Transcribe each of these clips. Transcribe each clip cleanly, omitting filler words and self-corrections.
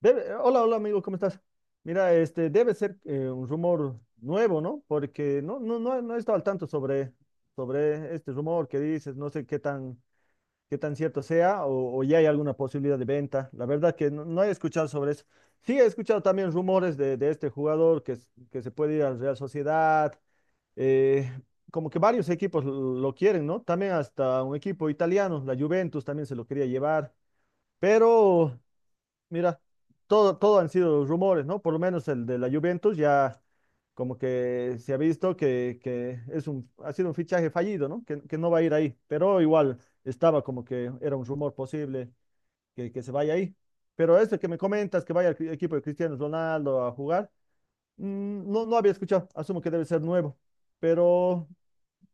Hola, hola amigo, ¿cómo estás? Mira, este debe ser un rumor nuevo, ¿no? Porque no he estado al tanto sobre, sobre este rumor que dices, no sé qué tan cierto sea o ya hay alguna posibilidad de venta. La verdad que no he escuchado sobre eso. Sí, he escuchado también rumores de este jugador que se puede ir al Real Sociedad, eh, como que varios equipos lo quieren, ¿no? También hasta un equipo italiano, la Juventus también se lo quería llevar, pero... Mira, todo han sido rumores, ¿no? Por lo menos el de la Juventus ya como que se ha visto que es ha sido un fichaje fallido, ¿no? Que no va a ir ahí, pero igual estaba como que era un rumor posible que se vaya ahí. Pero este que me comentas, que vaya al equipo de Cristiano Ronaldo a jugar, no, no había escuchado, asumo que debe ser nuevo, pero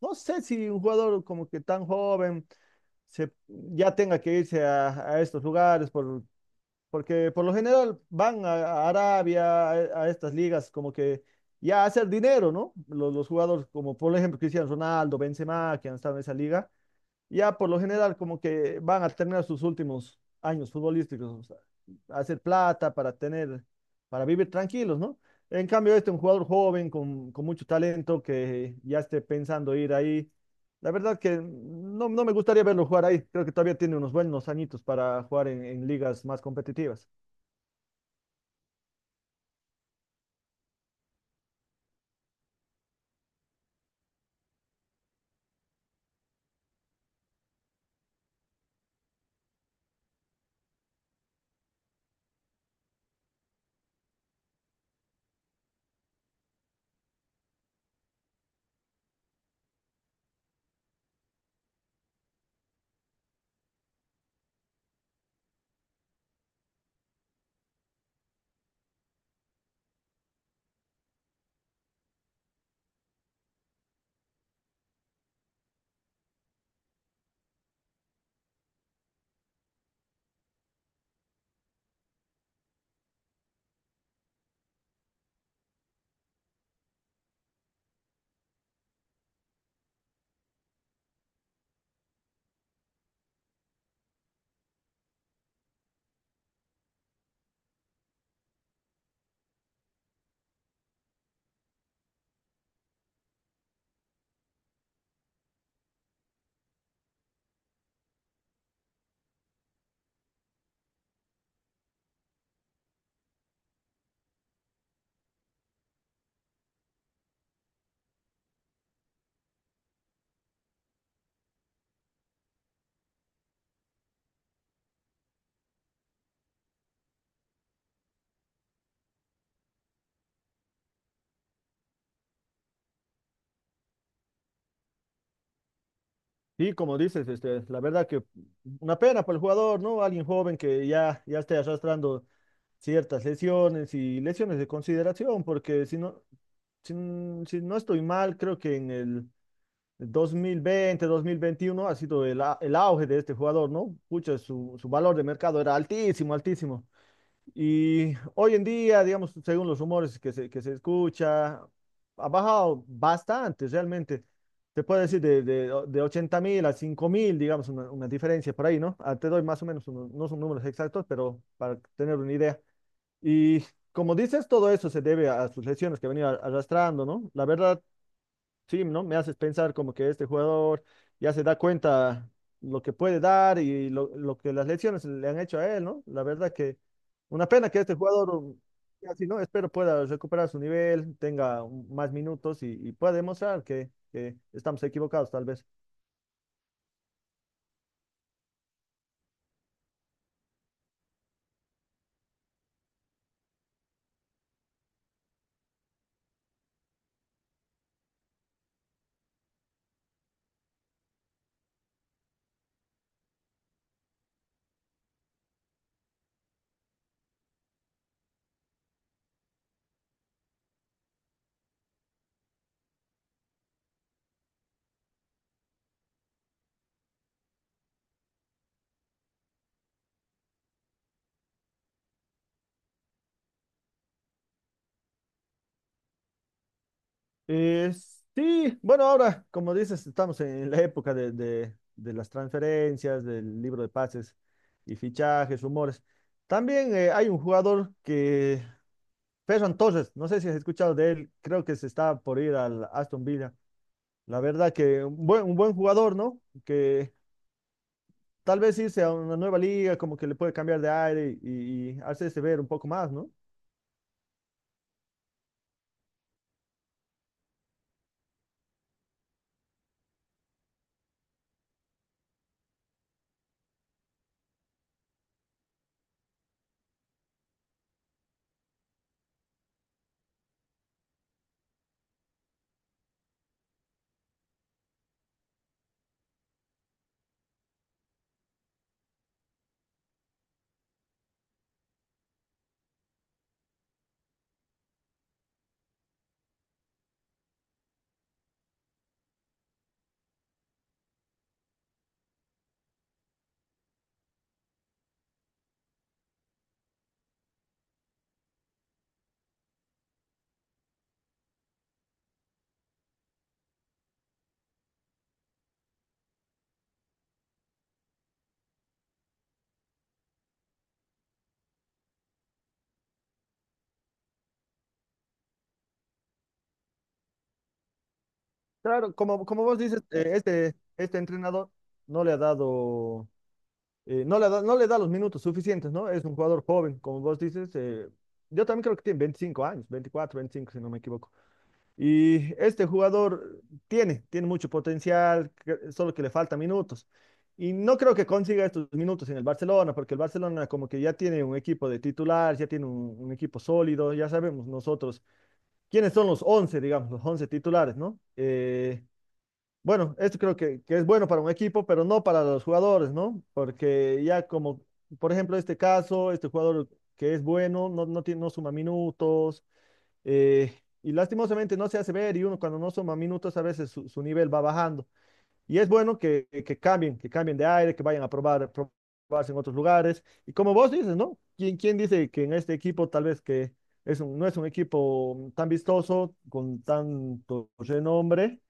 no sé si un jugador como que tan joven ya tenga que irse a estos lugares porque por lo general van a Arabia, a estas ligas, como que ya a hacer dinero, ¿no? Los jugadores como por ejemplo Cristiano Ronaldo, Benzema, que han estado en esa liga, ya por lo general como que van a terminar sus últimos años futbolísticos, o sea, a hacer plata para tener, para vivir tranquilos, ¿no? En cambio, este es un jugador joven con mucho talento que ya esté pensando ir ahí. La verdad que no me gustaría verlo jugar ahí. Creo que todavía tiene unos buenos añitos para jugar en ligas más competitivas. Sí, como dices, este, la verdad que una pena para el jugador, ¿no? Alguien joven ya esté arrastrando ciertas lesiones y lesiones de consideración, porque si no, si no estoy mal, creo que en el 2020, 2021 ha sido el auge de este jugador, ¿no? Pucha, su valor de mercado era altísimo, altísimo. Y hoy en día, digamos, según los rumores que se escucha, ha bajado bastante realmente. Te puedo decir de 80.000 a 5.000, digamos, una diferencia por ahí, ¿no? Ah, te doy más o menos, no son números exactos, pero para tener una idea. Y como dices, todo eso se debe a sus lesiones que venía arrastrando, ¿no? La verdad, sí, ¿no? Me haces pensar como que este jugador ya se da cuenta lo que puede dar y lo que las lesiones le han hecho a él, ¿no? La verdad que una pena que este jugador, así, ¿no? Espero pueda recuperar su nivel, tenga más minutos y pueda demostrar que estamos equivocados, tal vez. Eh, sí, bueno, ahora, como dices, estamos en la época de las transferencias, del libro de pases y fichajes, rumores. También hay un jugador que Ferran Torres, no sé si has escuchado de él, creo que se está por ir al Aston Villa. La verdad que un buen jugador, ¿no? Que tal vez irse a una nueva liga, como que le puede cambiar de aire y hacerse ver un poco más, ¿no? Claro, como, como vos dices, este, este entrenador no le ha dado, no le da los minutos suficientes, ¿no? Es un jugador joven, como vos dices. Eh, yo también creo que tiene 25 años, 24, 25, si no me equivoco. Y este jugador tiene, tiene mucho potencial, solo que le falta minutos. Y no creo que consiga estos minutos en el Barcelona, porque el Barcelona como que ya tiene un equipo de titulares, ya tiene un equipo sólido, ya sabemos nosotros quiénes son los 11 digamos, los 11 titulares, ¿no? Bueno, esto creo que es bueno para un equipo, pero no para los jugadores, ¿no? Porque ya como, por ejemplo, este caso, este jugador que es bueno, no suma minutos eh, y lastimosamente no se hace ver y uno cuando no suma minutos a veces su, su nivel va bajando. Y es bueno que cambien, que cambien de aire, que vayan a probar, probarse en otros lugares. Y como vos dices, ¿no? ¿Quién dice que en este equipo tal vez que es no es un equipo tan vistoso, con tanto renombre,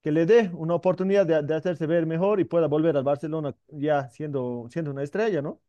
que le dé una oportunidad de hacerse ver mejor y pueda volver al Barcelona ya siendo, siendo una estrella, ¿no?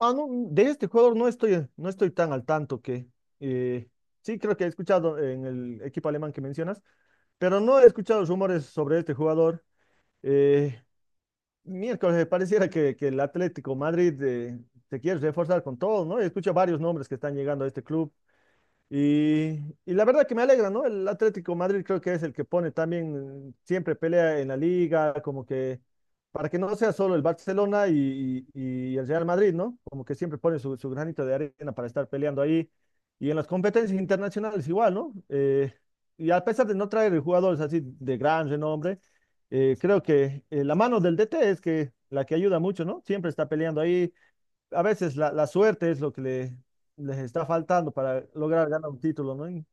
Ah, no, de este jugador no estoy tan al tanto que eh, sí creo que he escuchado en el equipo alemán que mencionas, pero no he escuchado rumores sobre este jugador. Eh, miércoles pareciera que el Atlético Madrid se quiere reforzar con todo, ¿no? He escuchado varios nombres que están llegando a este club. Y, y la verdad que me alegra, ¿no? El Atlético Madrid creo que es el que pone también, siempre pelea en la liga, como que para que no sea solo el Barcelona y el Real Madrid, ¿no? Como que siempre pone su, su granito de arena para estar peleando ahí. Y en las competencias internacionales igual, ¿no? Y a pesar de no traer jugadores así de gran renombre, creo que la mano del DT es que la que ayuda mucho, ¿no? Siempre está peleando ahí a veces la, la suerte es lo que le, les está faltando para lograr ganar un título, ¿no? Y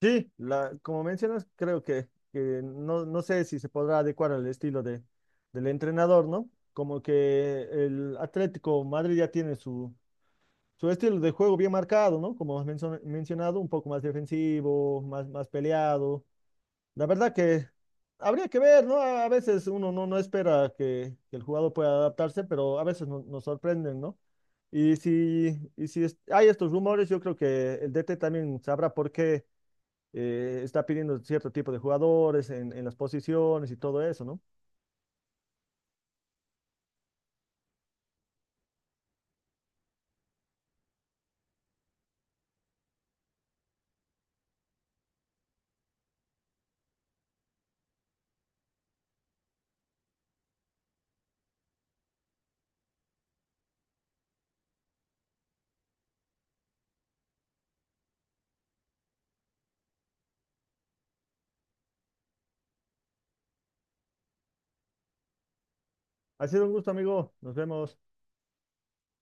sí, la, como mencionas, creo que no, no sé si se podrá adecuar al estilo de, del entrenador, ¿no? Como que el Atlético Madrid ya tiene su, su estilo de juego bien marcado, ¿no? Como has mencionado, un poco más defensivo, más, más peleado. La verdad que habría que ver, ¿no? A veces uno no espera que el jugador pueda adaptarse, pero a veces nos sorprenden, ¿no? Y si hay estos rumores, yo creo que el DT también sabrá por qué está pidiendo cierto tipo de jugadores en las posiciones y todo eso, ¿no? Ha sido un gusto, amigo. Nos vemos.